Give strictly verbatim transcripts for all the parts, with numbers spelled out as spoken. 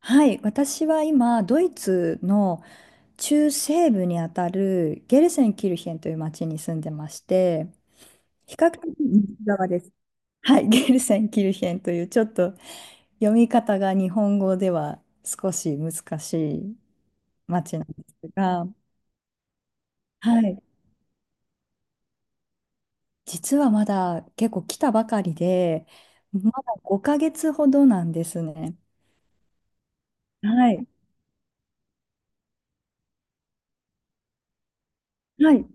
はい、私は今、ドイツの中西部にあたるゲルセンキルヒェンという町に住んでまして、比較的西側です。はい、ゲルセンキルヒェンというちょっと読み方が日本語では少し難しい町なんですが、はい、実はまだ結構来たばかりで、まだごかげつほどなんですね。はい。はい。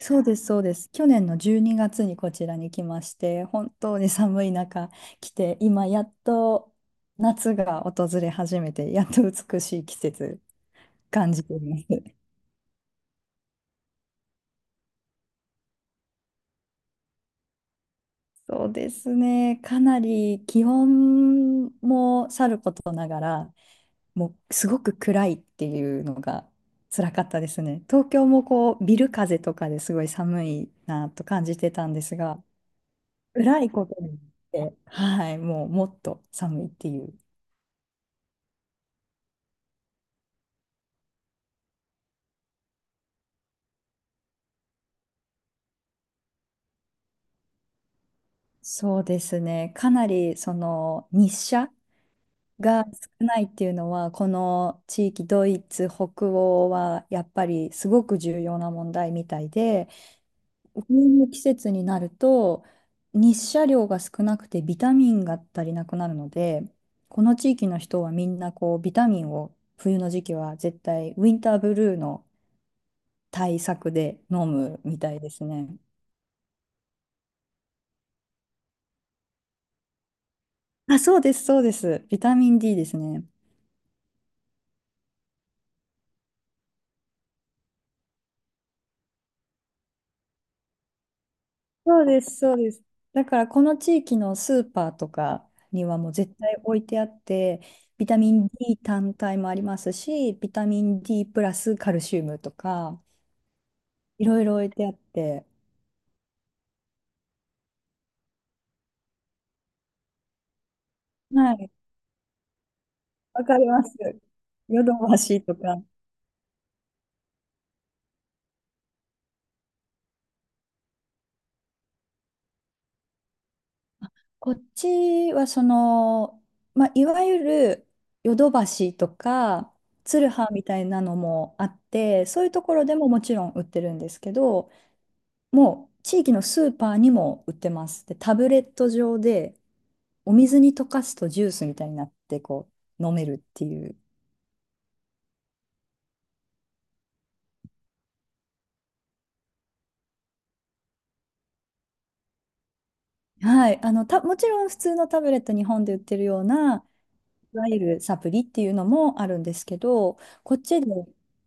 そうです、そうです。去年のじゅうにがつにがつにこちらに来まして、本当に寒い中来て、今やっと夏が訪れ始めて、やっと美しい季節感じています。そうですね、かなり気温もさることながら、もうすごく暗いっていうのが辛かったですね。東京もこうビル風とかですごい寒いなと感じてたんですが、暗いことによって、はい、もうもっと寒いっていう。そうですね。かなりその日射が少ないっていうのは、この地域、ドイツ、北欧はやっぱりすごく重要な問題みたいで、冬の季節になると日射量が少なくてビタミンが足りなくなるので、この地域の人はみんなこうビタミンを冬の時期は絶対ウィンターブルーの対策で飲むみたいですね。あ、そうです、そうです。ビタミン D ですね。そうです、そうです。だからこの地域のスーパーとかにはもう絶対置いてあって、ビタミン D 単体もありますし、ビタミン D プラスカルシウムとか、いろいろ置いてあって、はい、わかります。ヨドバシとか。こっちはその、まあ、いわゆるヨドバシとか、ツルハみたいなのもあって、そういうところでももちろん売ってるんですけど、もう地域のスーパーにも売ってます。で、タブレット状でお水に溶かすとジュースみたいになってこう飲めるっていう。はい、あのたもちろん普通のタブレット日本で売ってるようないわゆるサプリっていうのもあるんですけど、こっちで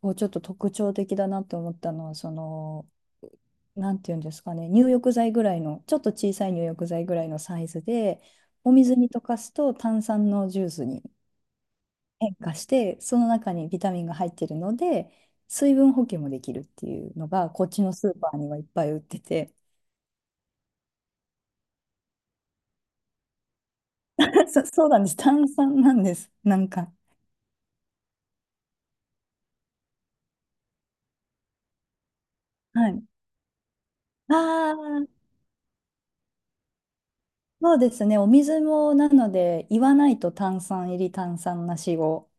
こうちょっと特徴的だなって思ったのは、そのなんていうんですかね、入浴剤ぐらいの、ちょっと小さい入浴剤ぐらいのサイズでお水に溶かすと炭酸のジュースに変化して、その中にビタミンが入ってるので、水分補給もできるっていうのが、こっちのスーパーにはいっぱい売ってて、そ、そうなんです。炭酸なんです。なんか。はい。ああ、そうですね。お水も、なので、言わないと炭酸入り、炭酸なしを、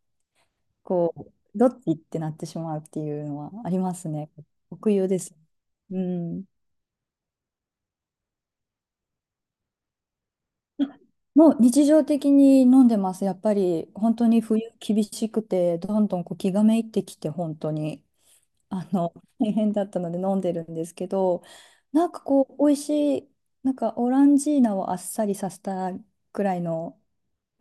こう、どっちってなってしまうっていうのはありますね。特有です。うん。もう日常的に飲んでます。やっぱり本当に冬厳しくて、どんどんこう気がめいってきて、本当に。あの、大変だったので飲んでるんですけど、なんかこう、美味しい、なんかオランジーナをあっさりさせたくらいの、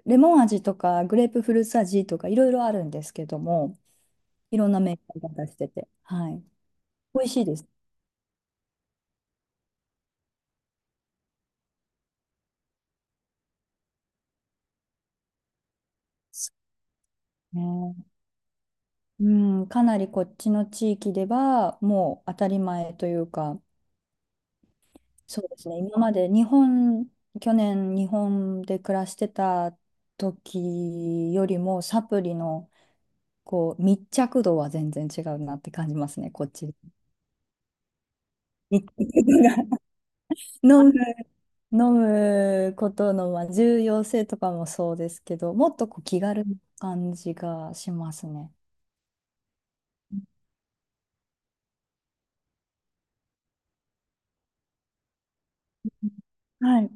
レモン味とかグレープフルーツ味とかいろいろあるんですけども、いろんなメーカーが出してて、はい。美味しいですね。うん、かなりこっちの地域ではもう当たり前というか、そうですね、今まで日本、去年日本で暮らしてた時よりもサプリのこう、密着度は全然違うなって感じますね、こっち。飲む、飲むことの、まあ、重要性とかもそうですけど、もっとこう気軽な感じがしますね。はい。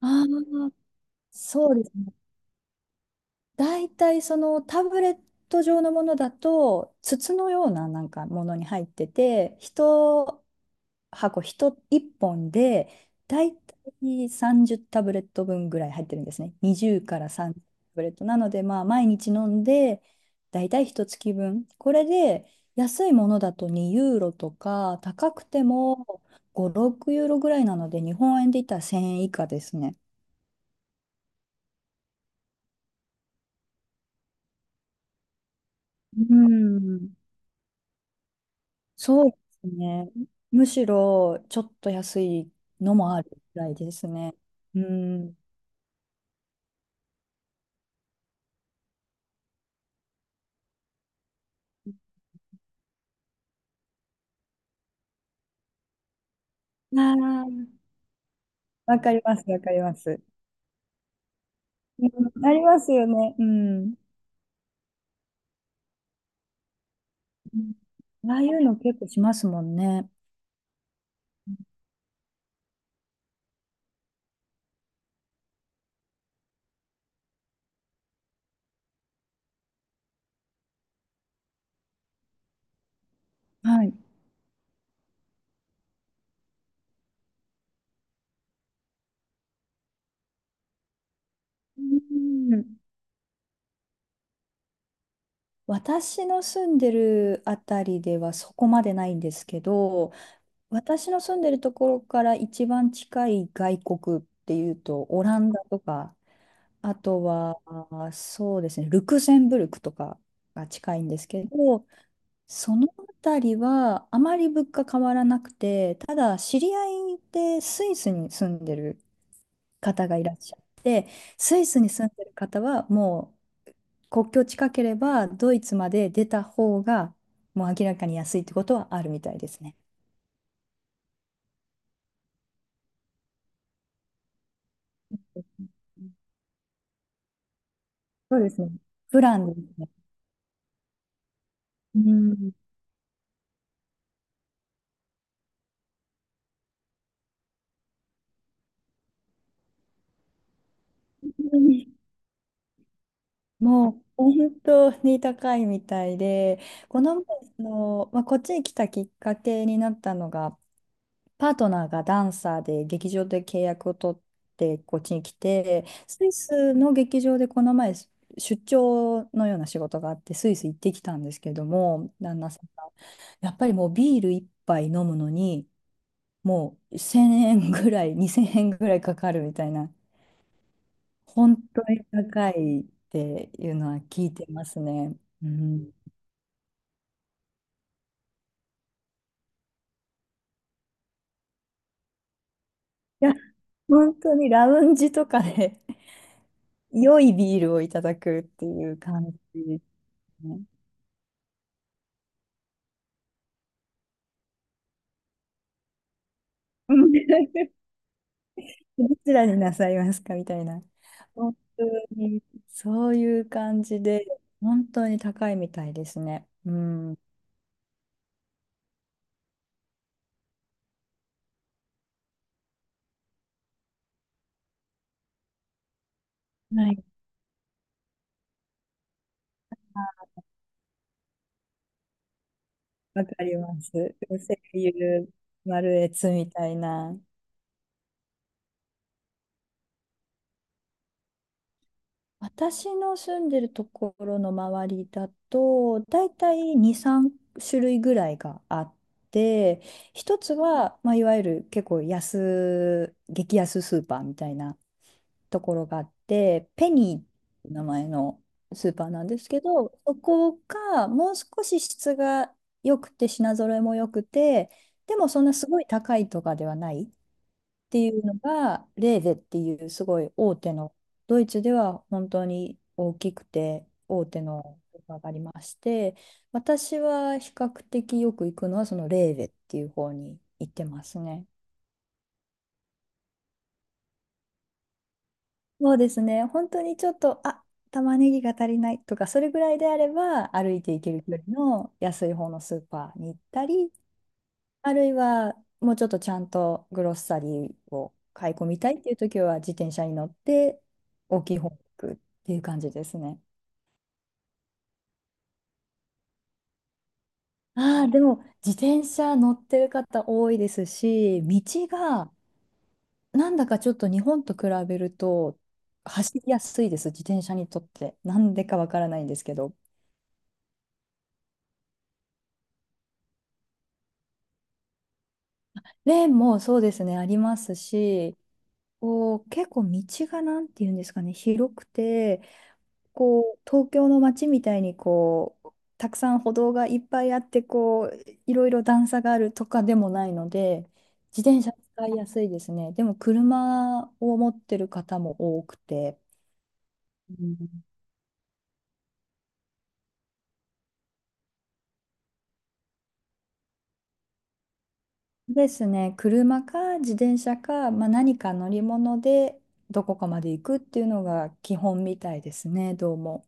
ああ、そうですね。大体そのタブレット状のものだと、筒のようななんかものに入ってて、人箱1、1本で、だいたいさんじゅうタブレット分ぐらい入ってるんですね。にじゅうからさんじゅうタブレット。なので、まあ、毎日飲んで、だいたいいっかげつぶん。これで、安いものだとにユーロとか、高くてもご、ろくユーロぐらいなので、日本円で言ったらせんえん以下ですね。うん、そうですね。むしろ、ちょっと安いのもあるぐらいですね。うん。あーわかります、わかります。うん、ありますよね。うん。うん、ああいうの結構しますもんね。はい。うん、私の住んでるあたりではそこまでないんですけど、私の住んでるところから一番近い外国っていうと、オランダとか、あとは、そうですね、ルクセンブルクとかが近いんですけど、そのあたりはあまり物価変わらなくて、ただ知り合いでスイスに住んでる方がいらっしゃる。スイスに住んでる方はもう国境近ければドイツまで出た方がもう明らかに安いってことはあるみたいですね。そうですね。プランですね。うん。もう本当に高いみたいで、この前、その、まあ、こっちに来たきっかけになったのが、パートナーがダンサーで劇場で契約を取ってこっちに来て、スイスの劇場でこの前出張のような仕事があってスイス行ってきたんですけども、旦那さんがやっぱりもうビール一杯飲むのにもうせんえんぐらい、にせんえんぐらいかかるみたいな、本当に高いっていうのは聞いてますね。うん、いや、本当にラウンジとかで良いビールをいただくっていう感じですね。うん、 どちらになさいますかみたいな。本当に、そういう感じで、本当に高いみたいですね。うん。はい。わかります。声優、丸越みたいな。私の住んでるところの周りだと、だいたいに、さん種類ぐらいがあって、一つは、まあ、いわゆる結構安、激安スーパーみたいな。ところがあって、ペニーっていう名前のスーパーなんですけど、そこがもう少し質が良くて、品揃えも良くて、でもそんなすごい高いとかではないっていうのが、レーゼっていうすごい大手の、ドイツでは本当に大きくて大手のスーパーがありまして、私は比較的よく行くのはそのレーゼっていう方に行ってますね。そうですね。本当にちょっと、あ、玉ねぎが足りないとか、それぐらいであれば、歩いていける距離の安い方のスーパーに行ったり、あるいは、もうちょっとちゃんとグロッサリーを買い込みたいっていう時は、自転車に乗って、大きい方に行くっていう感じですね。ああ、でも、自転車乗ってる方多いですし、道が、なんだかちょっと日本と比べると、走りやすいです、自転車にとって。なんでかわからないんですけど。レーンもそうですね、ありますし、こう、結構道がなんていうんですかね、広くて、こう、東京の街みたいにこう、たくさん歩道がいっぱいあって、こう、いろいろ段差があるとかでもないので、自転車使いやすいですね。でも、車を持ってる方も多くて。うん、ですね、車か自転車か、まあ、何か乗り物でどこかまで行くっていうのが基本みたいですね、どうも。